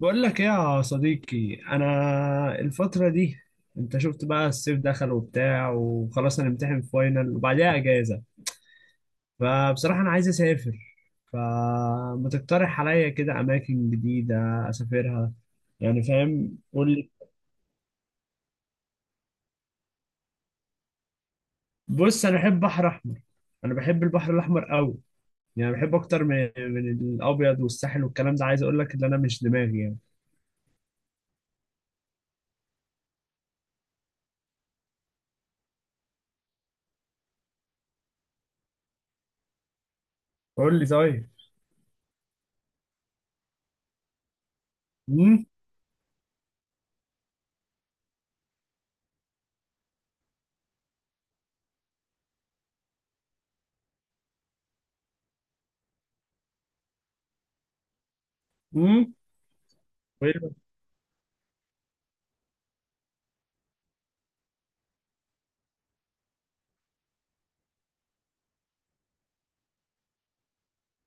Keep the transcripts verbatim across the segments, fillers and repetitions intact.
بقول لك ايه يا صديقي؟ انا الفتره دي انت شفت بقى، الصيف دخل وبتاع وخلاص هنمتحن فاينل وبعديها اجازه. فبصراحه انا عايز اسافر، فما تقترح عليا كده اماكن جديده اسافرها؟ يعني فاهم، قول لي. بص، انا بحب بحر احمر، انا بحب البحر الاحمر قوي. يعني بحب اكتر من من الابيض والساحل والكلام ده، عايز اقول لك ان انا مش دماغي يعني. قول لي طيب. امم.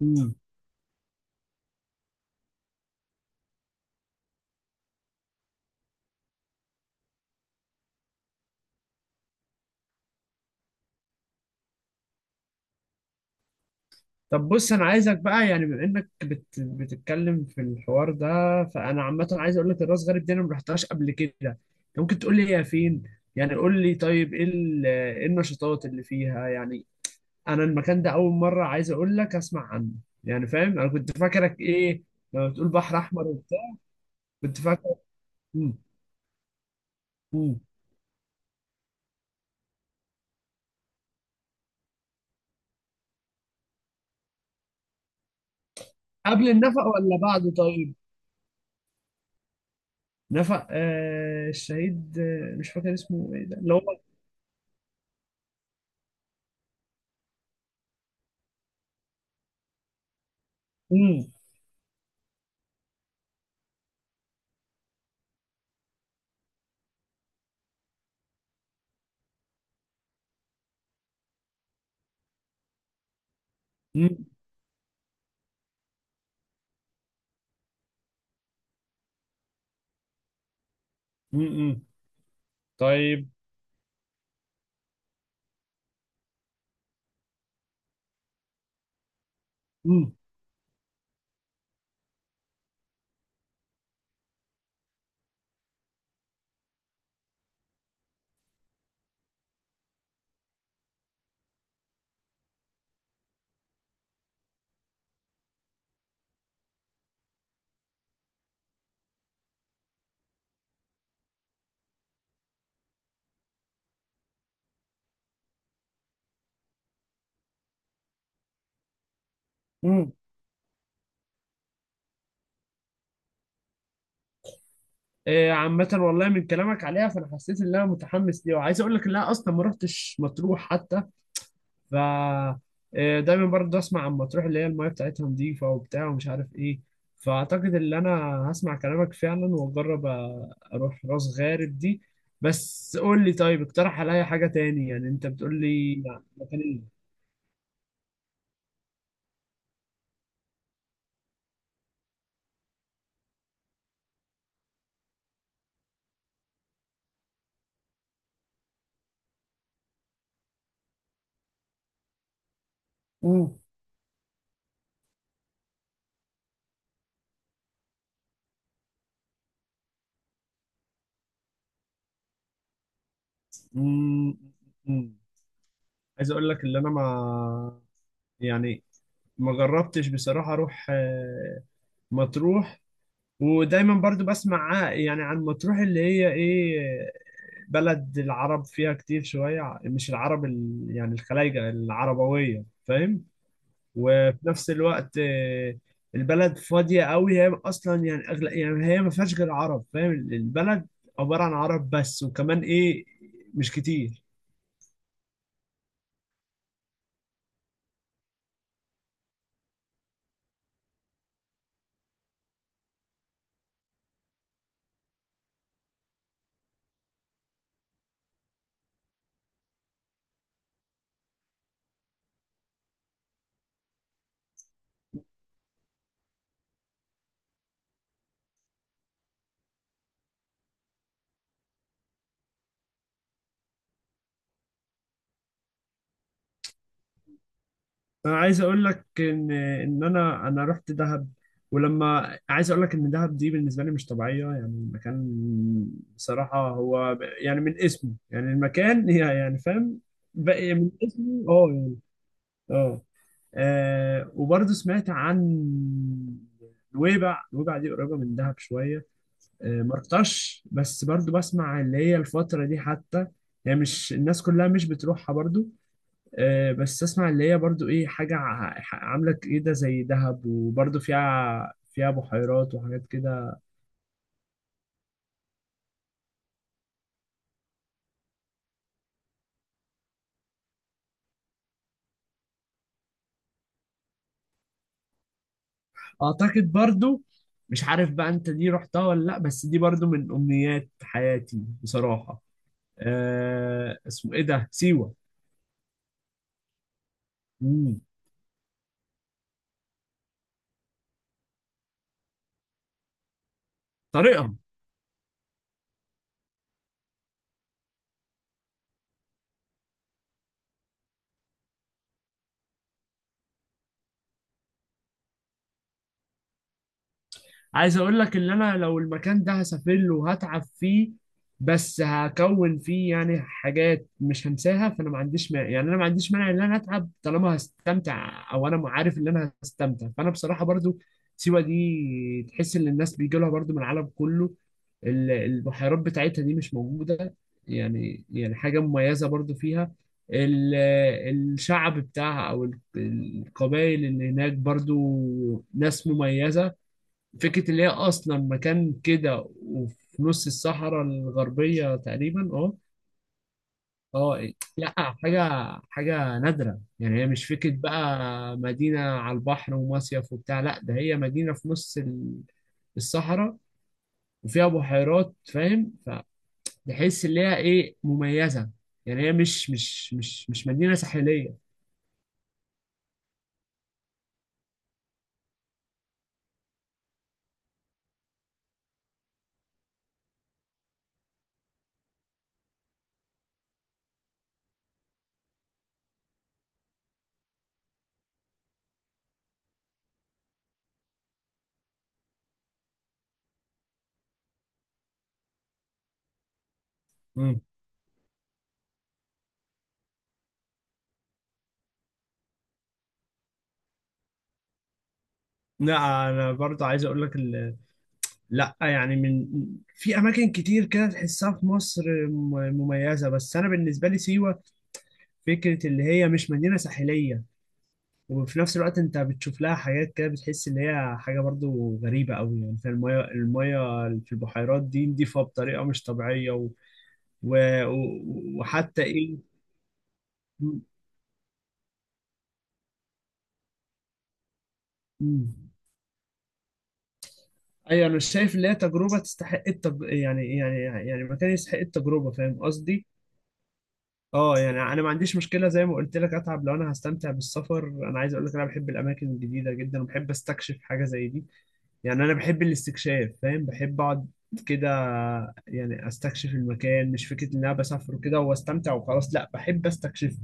امم. طب بص، انا عايزك بقى يعني بما انك بت... بتتكلم في الحوار ده، فانا عامه عايز اقول لك الراس غارب دي انا ما رحتهاش قبل كده. انت ممكن تقول لي هي فين؟ يعني قول لي طيب، ايه ال... ايه النشاطات اللي فيها يعني؟ انا المكان ده اول مره عايز اقول لك اسمع عنه. يعني فاهم، انا كنت فاكرك ايه لما بتقول بحر احمر وبتاع؟ كنت فاكر. مم. مم. قبل النفق ولا بعده طيب؟ نفق آه الشهيد، آه مش فاكر اسمه ايه، ده اللي هو. مم. مم. مم. مم. طيب. مم. امم. آه، عامة والله من كلامك عليها فأنا حسيت إن أنا متحمس ليها، وعايز أقول لك إن أنا أصلا ما رحتش مطروح حتى. ف آه، دايما برضه أسمع عن مطروح اللي هي المايه بتاعتها نظيفة وبتاع ومش عارف إيه. فأعتقد إن أنا هسمع كلامك فعلا، وأجرب أ- أروح راس غارب دي. بس قول لي طيب، اقترح عليا حاجة تاني، يعني أنت بتقول لي يعني مكان إيه؟ امم. مم. مم. عايز اقول لك اللي انا ما يعني ما جربتش بصراحة اروح آه، مطروح، ودايما برضو بسمع يعني عن مطروح اللي هي ايه، بلد العرب فيها كتير شوية، مش العرب ال... يعني الخلايجة العربوية، فاهم؟ وفي نفس الوقت آه، البلد فاضية قوي، هي أصلا يعني أغلى، يعني هي ما فيهاش غير عرب، فاهم؟ البلد عبارة عن عرب بس، وكمان ايه؟ مش كتير. انا عايز اقول لك ان ان انا انا رحت دهب، ولما عايز اقول لك ان دهب دي بالنسبه لي مش طبيعيه، يعني مكان بصراحه هو ب- يعني من اسمه، يعني المكان هي يعني فاهم؟ بقى من اسمه، اه يعني. اه. آه، وبرضه سمعت عن نويبع. نويبع دي قريبه من دهب شويه. آه، ما رحتهاش بس برضه بسمع اللي هي الفتره دي حتى، هي مش... الناس كلها مش بتروحها برضه. آه، بس اسمع اللي هي برضو ايه، حاجة ع- عاملة كده زي دهب، وبرضو فيها فيها بحيرات وحاجات كده. اعتقد برضو، مش عارف بقى انت دي رحتها ولا لا، بس دي برضو من امنيات حياتي بصراحة. أه، اسمه ايه ده، سيوة؟ مم. طريقها. عايز اقول لك ان انا لو المكان ده هسافر له وهتعب فيه، بس هكون فيه يعني حاجات مش هنساها، فانا ما عنديش مانع، يعني انا ما عنديش مانع ان انا اتعب طالما هستمتع، او انا عارف ان انا هستمتع. فانا بصراحة برضو سيوة دي تحس ان الناس بيجي لها برضو من العالم كله، ال- البحيرات بتاعتها دي مش موجودة، يعني يعني حاجة مميزة برضو فيها، ال- الشعب بتاعها او ال- القبائل اللي هناك، برضو ناس مميزة. فكرة اللي هي أصلا مكان كده وفي نص الصحراء الغربية تقريبا، اه. اه. لا، حاجة، حاجة نادرة، يعني هي مش فكرة بقى مدينة على البحر ومصيف وبتاع، لا، ده هي مدينة في نص ال- الصحراء، وفيها بحيرات، فاهم؟ فتحس اللي هي ايه، مميزة، يعني هي مش مش مش مش مدينة ساحلية. مم. لا، انا برضه عايز اقول لك، لا يعني من... في اماكن كتير كده تحسها في مصر م- مميزه، بس انا بالنسبه لي سيوه فكره اللي هي مش مدينه ساحليه، وفي نفس الوقت انت بتشوف لها حاجات كده بتحس ان هي حاجه برضو غريبه قوي، يعني في الميه، الميه في البحيرات دي نضيفه بطريقه مش طبيعيه، و... و... و- وحتى ايه؟ م- م. ايوه، انا شايف ان هي تجربه تستحق التج... يعني يعني يعني مكان يستحق التجربه، فاهم قصدي؟ اه، يعني انا ما عنديش مشكله، زي ما قلت لك اتعب لو انا هستمتع بالسفر. انا عايز اقول لك انا بحب الاماكن الجديده جدا، وبحب استكشف حاجه زي دي، يعني انا بحب الاستكشاف، فاهم؟ بحب اقعد كده يعني استكشف المكان، مش فكره ان انا بسافر كده واستمتع وخلاص، لا، بحب استكشف.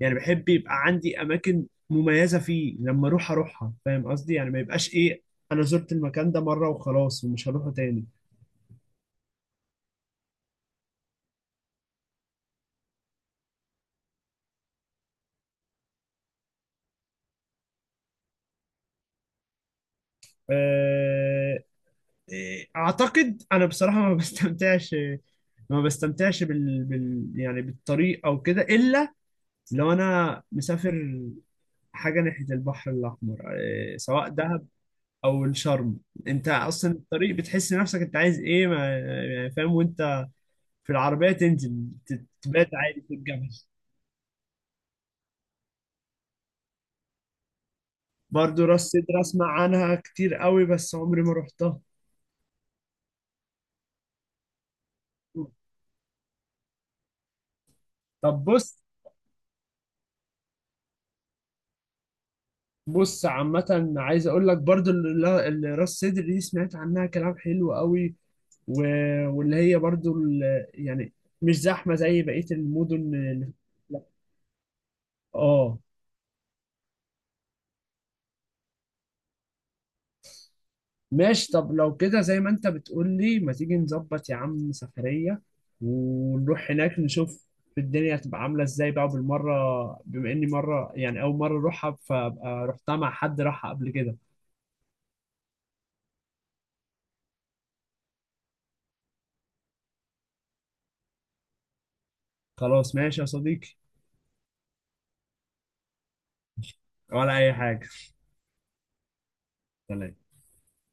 يعني بحب يبقى عندي اماكن مميزه فيه لما اروح اروحها، فاهم قصدي؟ يعني ما يبقاش ايه، انا زرت المكان ده مره وخلاص ومش هروحه تاني. آه، إيه، اعتقد انا بصراحه ما بستمتعش، ما بستمتعش بال... بال... يعني بالطريق او كده، الا لو انا مسافر حاجه ناحيه البحر الاحمر، إيه، سواء دهب او الشرم. انت اصلا الطريق بتحس نفسك انت عايز ايه ما... يعني فاهم؟ وانت في العربيه تنزل ت- تبات عادي في الجبل. برضه راس سدر اسمع عنها كتير قوي، بس عمري ما رحتها. طب بص. بص عامة عايز اقول لك برضو اللي اللي راس صدر دي سمعت عنها كلام حلو قوي، و... واللي هي برضو ال... يعني مش زحمة زي بقية المدن اللي- لا. اه. ماشي، طب لو كده زي ما انت بتقول لي، ما تيجي نظبط يا عم سفرية، ونروح هناك نشوف الدنيا هتبقى عاملة ازاي بقى بالمرة، بما اني مرة، يعني اول مرة اروحها، فابقى رحتها مع حد راحها قبل كده. خلاص ماشي يا صديقي، ولا اي حاجة. سلام.